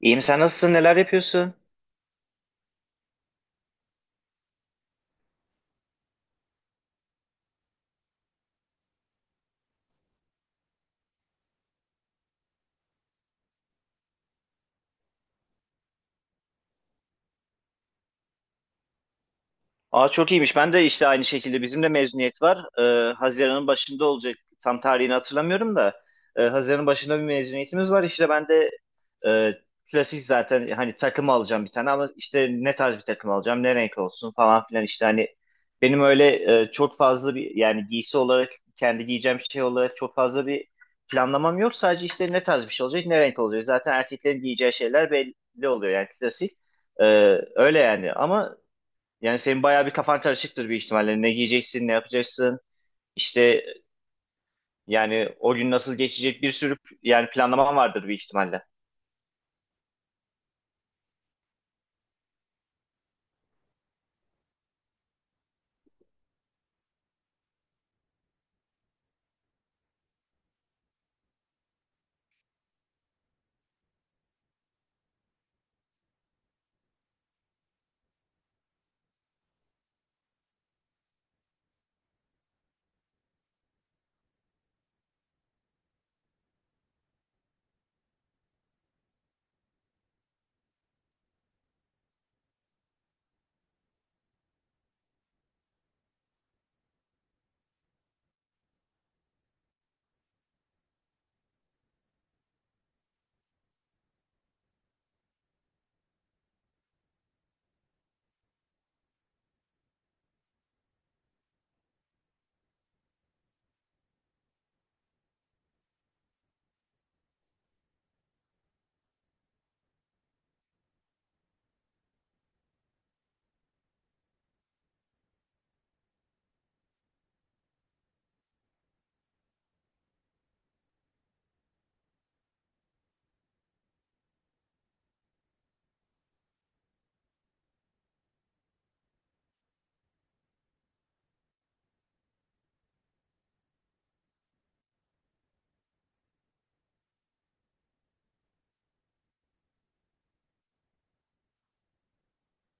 İyiyim, sen nasılsın, neler yapıyorsun? Aa çok iyiymiş. Ben de işte aynı şekilde bizim de mezuniyet var. Haziran'ın başında olacak. Tam tarihini hatırlamıyorum da. Haziran'ın başında bir mezuniyetimiz var. İşte ben de e, klasik zaten hani takım alacağım bir tane ama işte ne tarz bir takım alacağım, ne renk olsun falan filan işte hani benim öyle çok fazla bir yani giysi olarak kendi giyeceğim şey olarak çok fazla bir planlamam yok. Sadece işte ne tarz bir şey olacak, ne renk olacak. Zaten erkeklerin giyeceği şeyler belli oluyor yani klasik. Ee, Öyle yani ama yani senin bayağı bir kafan karışıktır bir ihtimalle. Ne giyeceksin, ne yapacaksın. İşte yani o gün nasıl geçecek, bir sürü yani planlaman vardır bir ihtimalle.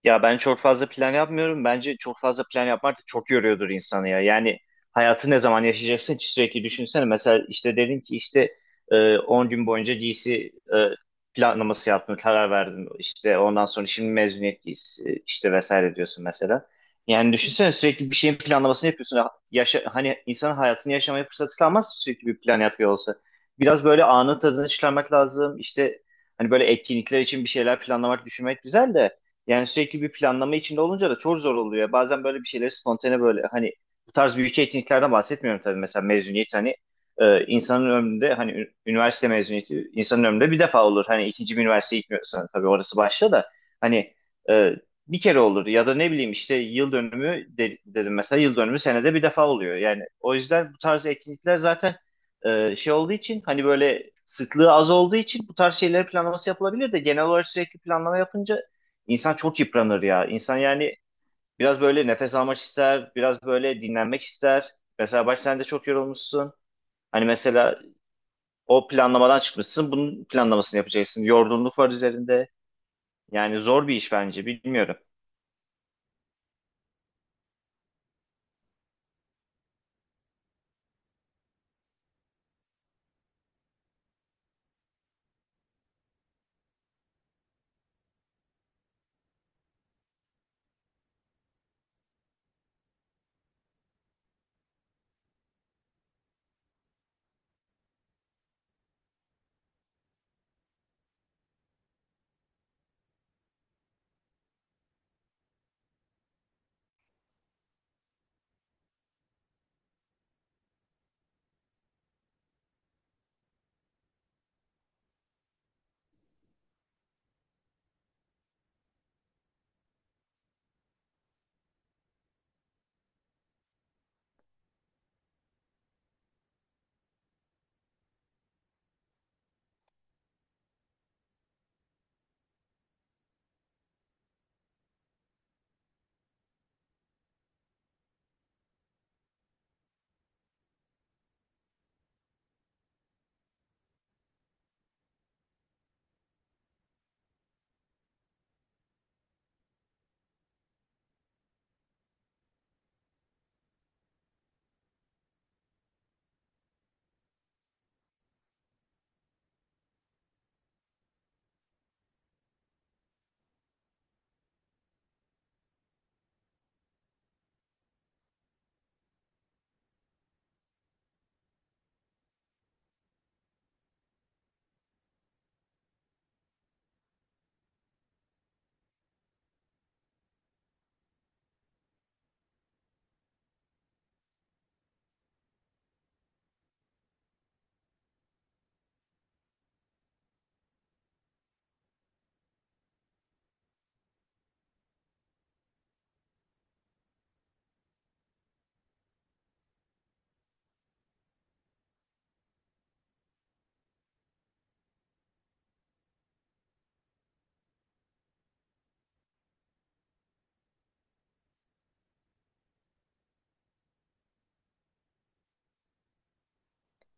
Ya ben çok fazla plan yapmıyorum. Bence çok fazla plan yapmak da çok yoruyordur insanı ya. Yani hayatı ne zaman yaşayacaksın ki sürekli, düşünsene. Mesela işte dedin ki işte 10 gün boyunca giysi planlaması yaptın, karar verdin. İşte ondan sonra şimdi mezuniyet giysisi işte vesaire diyorsun mesela. Yani düşünsene, sürekli bir şeyin planlamasını yapıyorsun. Yaşa, hani insanın hayatını yaşamaya fırsatı kalmaz sürekli bir plan yapıyor olsa. Biraz böyle anın tadını çıkarmak lazım. İşte hani böyle etkinlikler için bir şeyler planlamak, düşünmek güzel de yani sürekli bir planlama içinde olunca da çok zor oluyor. Bazen böyle bir şeyleri spontane, böyle hani bu tarz büyük etkinliklerden bahsetmiyorum tabii. Mesela mezuniyet hani insanın ömründe hani üniversite mezuniyeti insanın ömründe bir defa olur. Hani ikinci bir üniversiteye gitmiyorsan tabii, orası başta da hani e, bir kere olur ya da ne bileyim işte yıl dönümü dedim, mesela yıl dönümü senede bir defa oluyor. Yani o yüzden bu tarz etkinlikler zaten şey olduğu için, hani böyle sıklığı az olduğu için, bu tarz şeyleri planlaması yapılabilir de genel olarak sürekli planlama yapınca İnsan çok yıpranır ya. İnsan yani biraz böyle nefes almak ister, biraz böyle dinlenmek ister. Mesela bak, sen de çok yorulmuşsun. Hani mesela o planlamadan çıkmışsın, bunun planlamasını yapacaksın. Yorgunluk var üzerinde. Yani zor bir iş bence, bilmiyorum.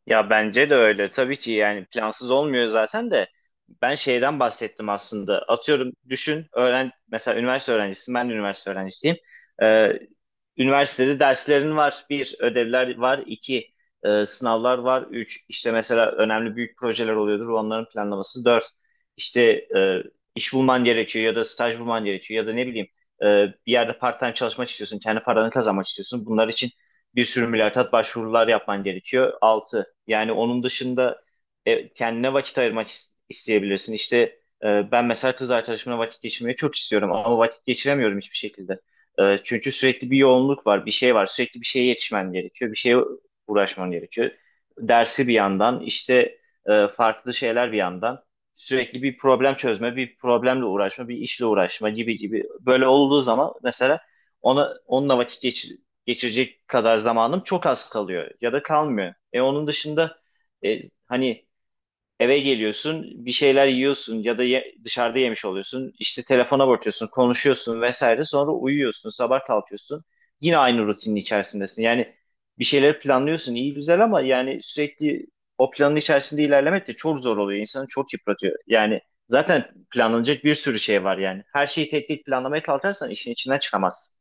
Ya bence de öyle. Tabii ki yani plansız olmuyor zaten de. Ben şeyden bahsettim aslında. Atıyorum düşün, öğren, mesela üniversite öğrencisin, ben de üniversite öğrencisiyim. Ee, Üniversitede derslerin var. Bir, ödevler var. İki, sınavlar var. Üç, işte mesela önemli büyük projeler oluyordur. Onların planlaması. Dört, işte e, iş bulman gerekiyor ya da staj bulman gerekiyor ya da ne bileyim e, bir yerde part-time çalışmak istiyorsun. Kendi paranı kazanmak istiyorsun. Bunlar için bir sürü mülakat, başvurular yapman gerekiyor. Altı, yani onun dışında kendine vakit ayırmak isteyebilirsin. İşte ben mesela kız arkadaşımla vakit geçirmeyi çok istiyorum ama vakit geçiremiyorum hiçbir şekilde. Çünkü sürekli bir yoğunluk var, bir şey var. Sürekli bir şeye yetişmen gerekiyor, bir şeye uğraşman gerekiyor. Dersi bir yandan, işte farklı şeyler bir yandan. Sürekli bir problem çözme, bir problemle uğraşma, bir işle uğraşma gibi gibi. Böyle olduğu zaman mesela onunla vakit geçirecek kadar zamanım çok az kalıyor ya da kalmıyor. Onun dışında e, hani eve geliyorsun, bir şeyler yiyorsun ya da dışarıda yemiş oluyorsun. İşte telefona bakıyorsun, konuşuyorsun vesaire. Sonra uyuyorsun, sabah kalkıyorsun. Yine aynı rutinin içerisindesin. Yani bir şeyler planlıyorsun, iyi güzel, ama yani sürekli o planın içerisinde ilerlemek de çok zor oluyor. İnsanı çok yıpratıyor. Yani zaten planlanacak bir sürü şey var yani. Her şeyi tek tek planlamaya kalkarsan işin içinden çıkamazsın.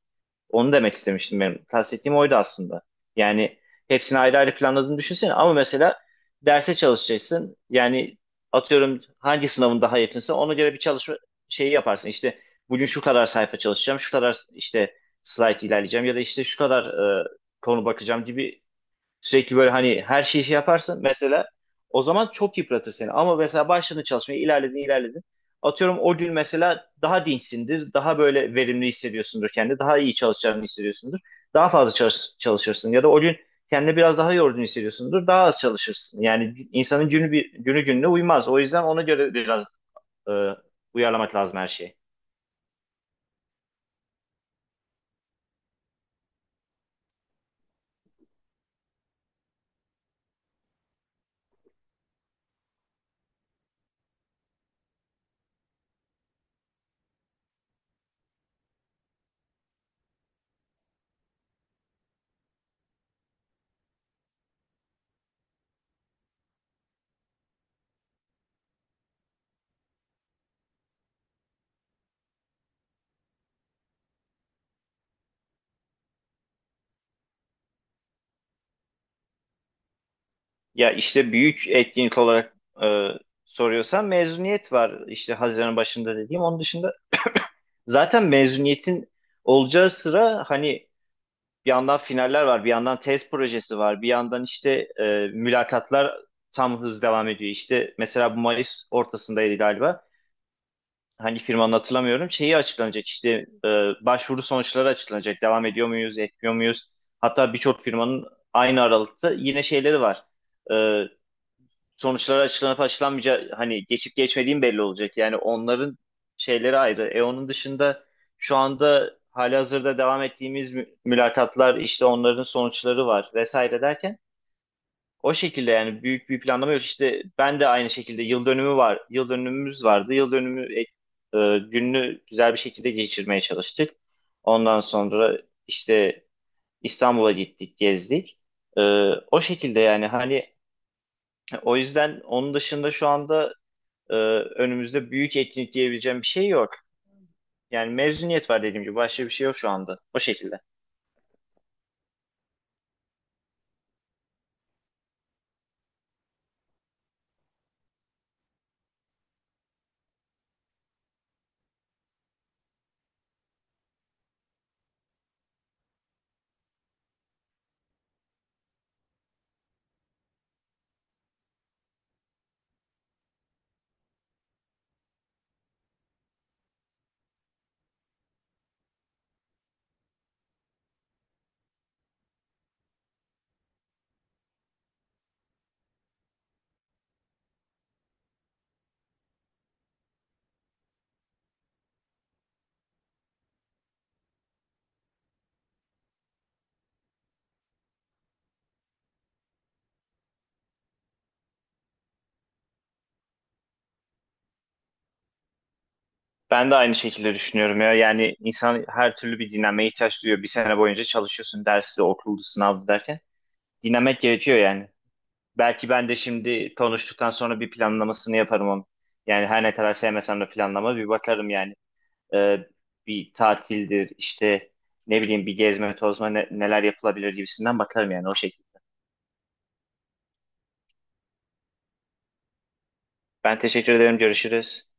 Onu demek istemiştim benim. Kastettiğim oydu aslında. Yani hepsini ayrı ayrı planladığını düşünsene ama mesela derse çalışacaksın. Yani atıyorum hangi sınavın daha yakınsa ona göre bir çalışma şeyi yaparsın. İşte bugün şu kadar sayfa çalışacağım, şu kadar işte slide ilerleyeceğim ya da işte şu kadar e, konu bakacağım gibi. Sürekli böyle hani her şeyi şey yaparsın, mesela o zaman çok yıpratır seni. Ama mesela başladın çalışmaya, ilerledin ilerledin. Atıyorum o gün mesela daha dinçsindir, daha böyle verimli hissediyorsundur kendini, daha iyi çalışacağını hissediyorsundur. Daha fazla çalışırsın ya da o gün kendini biraz daha yorgun hissediyorsundur, daha az çalışırsın. Yani insanın günü gününe uymaz. O yüzden ona göre biraz e, uyarlamak lazım her şeyi. Ya işte büyük etkinlik olarak e, soruyorsan, mezuniyet var işte Haziran başında dediğim. Onun dışında zaten mezuniyetin olacağı sıra hani bir yandan finaller var, bir yandan tez projesi var, bir yandan işte mülakatlar tam hız devam ediyor. İşte mesela bu Mayıs ortasındaydı galiba. Hani firmanın hatırlamıyorum. Şeyi açıklanacak, işte e, başvuru sonuçları açıklanacak. Devam ediyor muyuz, etmiyor muyuz? Hatta birçok firmanın aynı aralıkta yine şeyleri var. E, Sonuçları açıklanıp açıklanmayacağı, hani geçip geçmediğim belli olacak. Yani onların şeyleri ayrı. Onun dışında şu anda halihazırda devam ettiğimiz mülakatlar, işte onların sonuçları var vesaire derken, o şekilde yani büyük bir planlama yok. İşte ben de aynı şekilde yıl dönümü var. Yıl dönümümüz vardı. Yıl dönümü gününü güzel bir şekilde geçirmeye çalıştık. Ondan sonra işte İstanbul'a gittik, gezdik. E, O şekilde yani, hani o yüzden onun dışında şu anda e, önümüzde büyük etkinlik diyebileceğim bir şey yok. Yani mezuniyet var dediğim gibi, başka bir şey yok şu anda. O şekilde. Ben de aynı şekilde düşünüyorum ya. Yani insan her türlü bir dinlenmeye ihtiyaç duyuyor. Bir sene boyunca çalışıyorsun, dersi, okuldu, sınavdı derken. Dinlenmek gerekiyor yani. Belki ben de şimdi konuştuktan sonra bir planlamasını yaparım onu. Yani her ne kadar sevmesem de planlama, bir bakarım yani. E, Bir tatildir işte, ne bileyim, bir gezme tozma, neler yapılabilir gibisinden bakarım yani, o şekilde. Ben teşekkür ederim. Görüşürüz.